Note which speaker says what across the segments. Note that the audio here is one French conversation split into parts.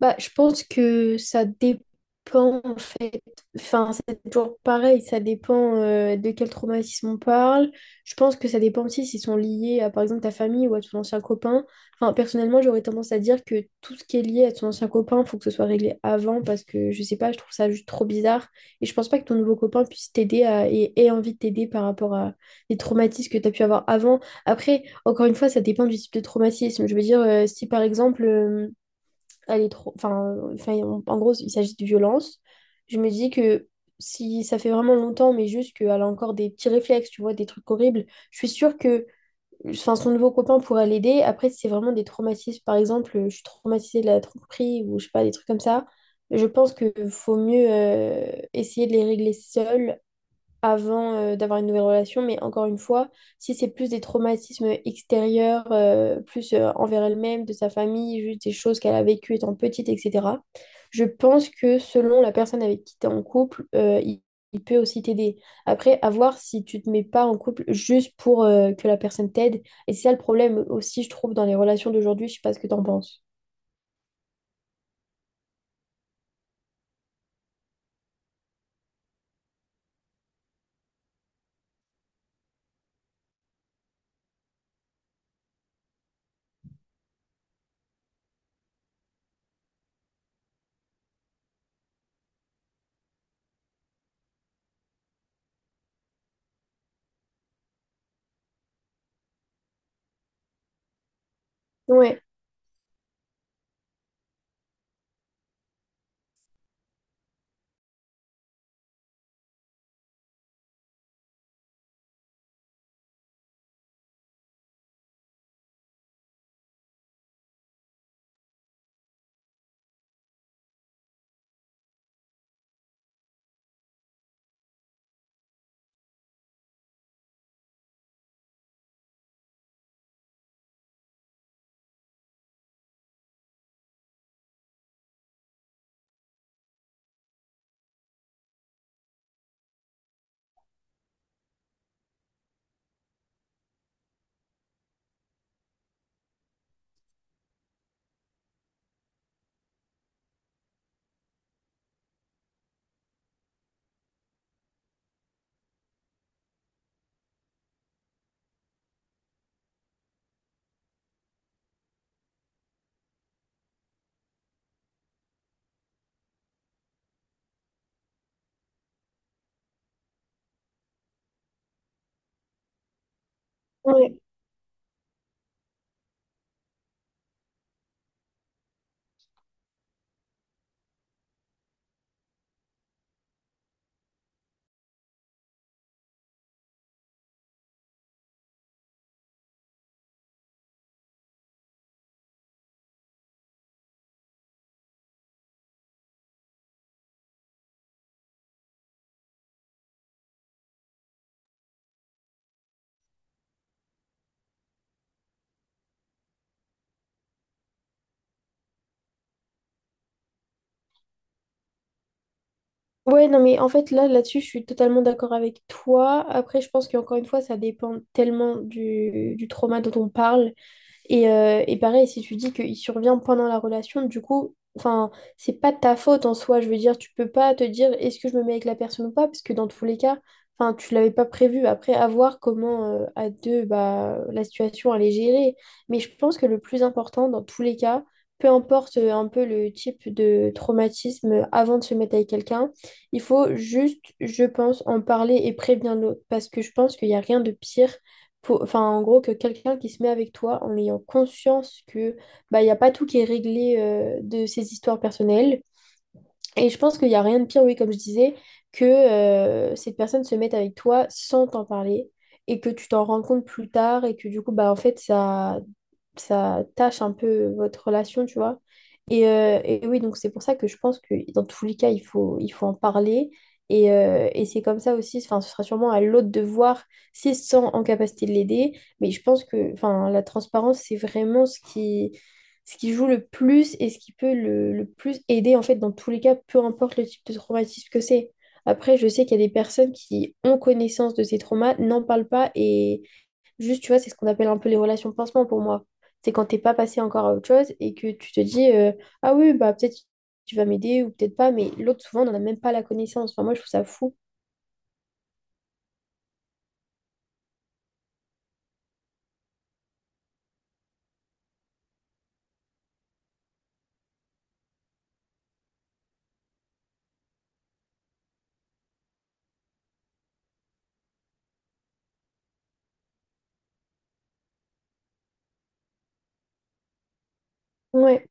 Speaker 1: Bah, je pense que ça dépend en fait. Enfin, c'est toujours pareil, ça dépend de quel traumatisme on parle. Je pense que ça dépend aussi s'ils sont liés à par exemple ta famille ou à ton ancien copain. Enfin, personnellement, j'aurais tendance à dire que tout ce qui est lié à ton ancien copain, faut que ce soit réglé avant parce que je sais pas, je trouve ça juste trop bizarre. Et je pense pas que ton nouveau copain puisse et ait envie de t'aider par rapport à les traumatismes que tu as pu avoir avant. Après, encore une fois, ça dépend du type de traumatisme. Je veux dire, si par exemple. Elle est trop. En gros, il s'agit de violence. Je me dis que si ça fait vraiment longtemps, mais juste qu'elle a encore des petits réflexes, tu vois, des trucs horribles, je suis sûre que enfin, son nouveau copain pourra l'aider. Après, si c'est vraiment des traumatismes, par exemple, je suis traumatisée de la tromperie ou je sais pas, des trucs comme ça. Je pense que faut mieux essayer de les régler seul avant d'avoir une nouvelle relation, mais encore une fois, si c'est plus des traumatismes extérieurs, plus envers elle-même, de sa famille, juste des choses qu'elle a vécues étant petite, etc., je pense que selon la personne avec qui tu es en couple, il peut aussi t'aider. Après, à voir si tu te mets pas en couple juste pour que la personne t'aide. Et c'est ça le problème aussi, je trouve, dans les relations d'aujourd'hui, je sais pas ce que tu en penses. Ouais, ouais. Ouais, non, mais en fait, là-dessus, je suis totalement d'accord avec toi. Après, je pense qu'encore une fois, ça dépend tellement du trauma dont on parle et pareil, si tu dis qu'il survient pendant la relation, du coup, enfin, c'est pas de ta faute en soi. Je veux dire, tu peux pas te dire est-ce que je me mets avec la personne ou pas, parce que dans tous les cas, enfin, tu l'avais pas prévu. Après, à voir comment à deux, bah, la situation elle est gérée. Mais je pense que le plus important dans tous les cas, peu importe un peu le type de traumatisme avant de se mettre avec quelqu'un, il faut juste, je pense, en parler et prévenir l'autre, parce que je pense qu'il n'y a rien de pire enfin, en gros, que quelqu'un qui se met avec toi en ayant conscience que bah, il n'y a pas tout qui est réglé de ses histoires personnelles, et je pense qu'il n'y a rien de pire, oui, comme je disais, que cette personne se mette avec toi sans t'en parler et que tu t'en rends compte plus tard et que du coup, bah, en fait, ça tâche un peu votre relation, tu vois. Et oui, donc c'est pour ça que je pense que dans tous les cas, il faut en parler. Et c'est comme ça aussi, enfin, ce sera sûrement à l'autre de voir s'ils sont en capacité de l'aider. Mais je pense que enfin, la transparence, c'est vraiment ce qui joue le plus et ce qui peut le plus aider, en fait, dans tous les cas, peu importe le type de traumatisme que c'est. Après, je sais qu'il y a des personnes qui ont connaissance de ces traumas, n'en parlent pas et juste, tu vois, c'est ce qu'on appelle un peu les relations pansement pour moi. C'est quand t'es pas passé encore à autre chose et que tu te dis, ah oui, bah peut-être tu vas m'aider ou peut-être pas, mais l'autre, souvent, on n'en a même pas la connaissance. Enfin, moi, je trouve ça fou. Ouais,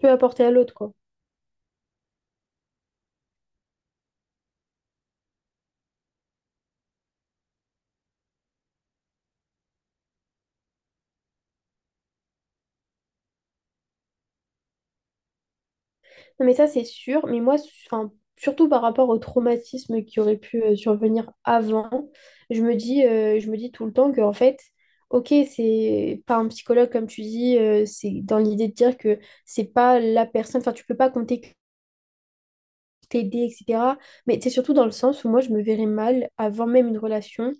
Speaker 1: peut apporter à l'autre, quoi. Non, mais ça, c'est sûr. Mais moi, enfin, surtout par rapport au traumatisme qui aurait pu survenir avant, je me dis tout le temps que, en fait, ok, c'est pas un psychologue, comme tu dis, c'est dans l'idée de dire que c'est pas la personne, enfin, tu peux pas compter que t'aider, etc. Mais c'est surtout dans le sens où moi, je me verrais mal avant même une relation,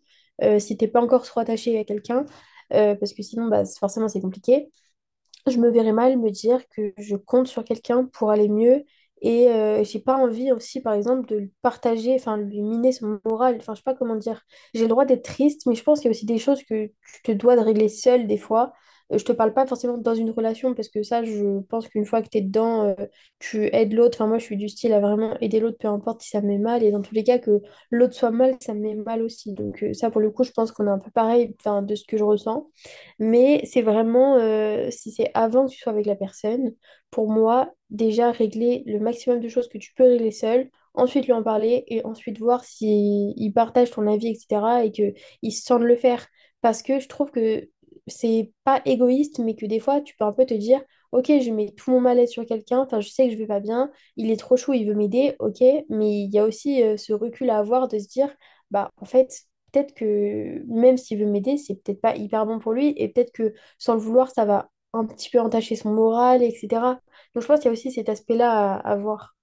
Speaker 1: si t'es pas encore trop attaché à quelqu'un, parce que sinon, bah, forcément, c'est compliqué je me verrais mal me dire que je compte sur quelqu'un pour aller mieux et j'ai pas envie aussi par exemple de le partager, enfin lui miner son moral, enfin je sais pas comment dire. J'ai le droit d'être triste, mais je pense qu'il y a aussi des choses que tu te dois de régler seule des fois. Je te parle pas forcément dans une relation parce que ça je pense qu'une fois que t'es dedans, tu aides l'autre. Enfin moi je suis du style à vraiment aider l'autre peu importe si ça me met mal et dans tous les cas que l'autre soit mal, ça me met mal aussi. Donc ça pour le coup je pense qu'on est un peu pareil enfin, de ce que je ressens. Mais c'est vraiment, si c'est avant que tu sois avec la personne, pour moi, déjà régler le maximum de choses que tu peux régler seul, ensuite lui en parler et ensuite voir si il partage ton avis, etc. et qu'il se sent de le faire. Parce que je trouve que c'est pas égoïste, mais que des fois, tu peux un peu te dire, ok, je mets tout mon mal-être sur quelqu'un, enfin, je sais que je vais pas bien, il est trop chaud, il veut m'aider, ok, mais il y a aussi ce recul à avoir de se dire, bah, en fait, peut-être que même s'il veut m'aider, c'est peut-être pas hyper bon pour lui et peut-être que sans le vouloir, ça va un petit peu entacher son moral, etc. Donc je pense qu'il y a aussi cet aspect-là à voir.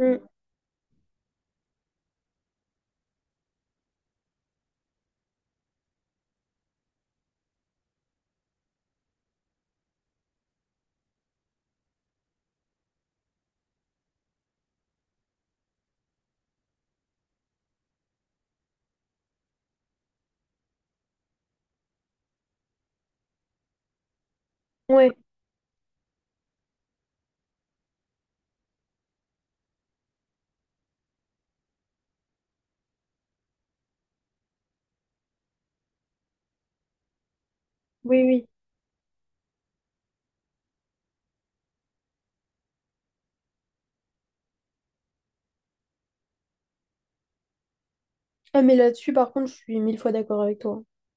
Speaker 1: Mm. Ouais, oui, oui. Ah, mais là-dessus, par contre, je suis mille fois d'accord avec toi.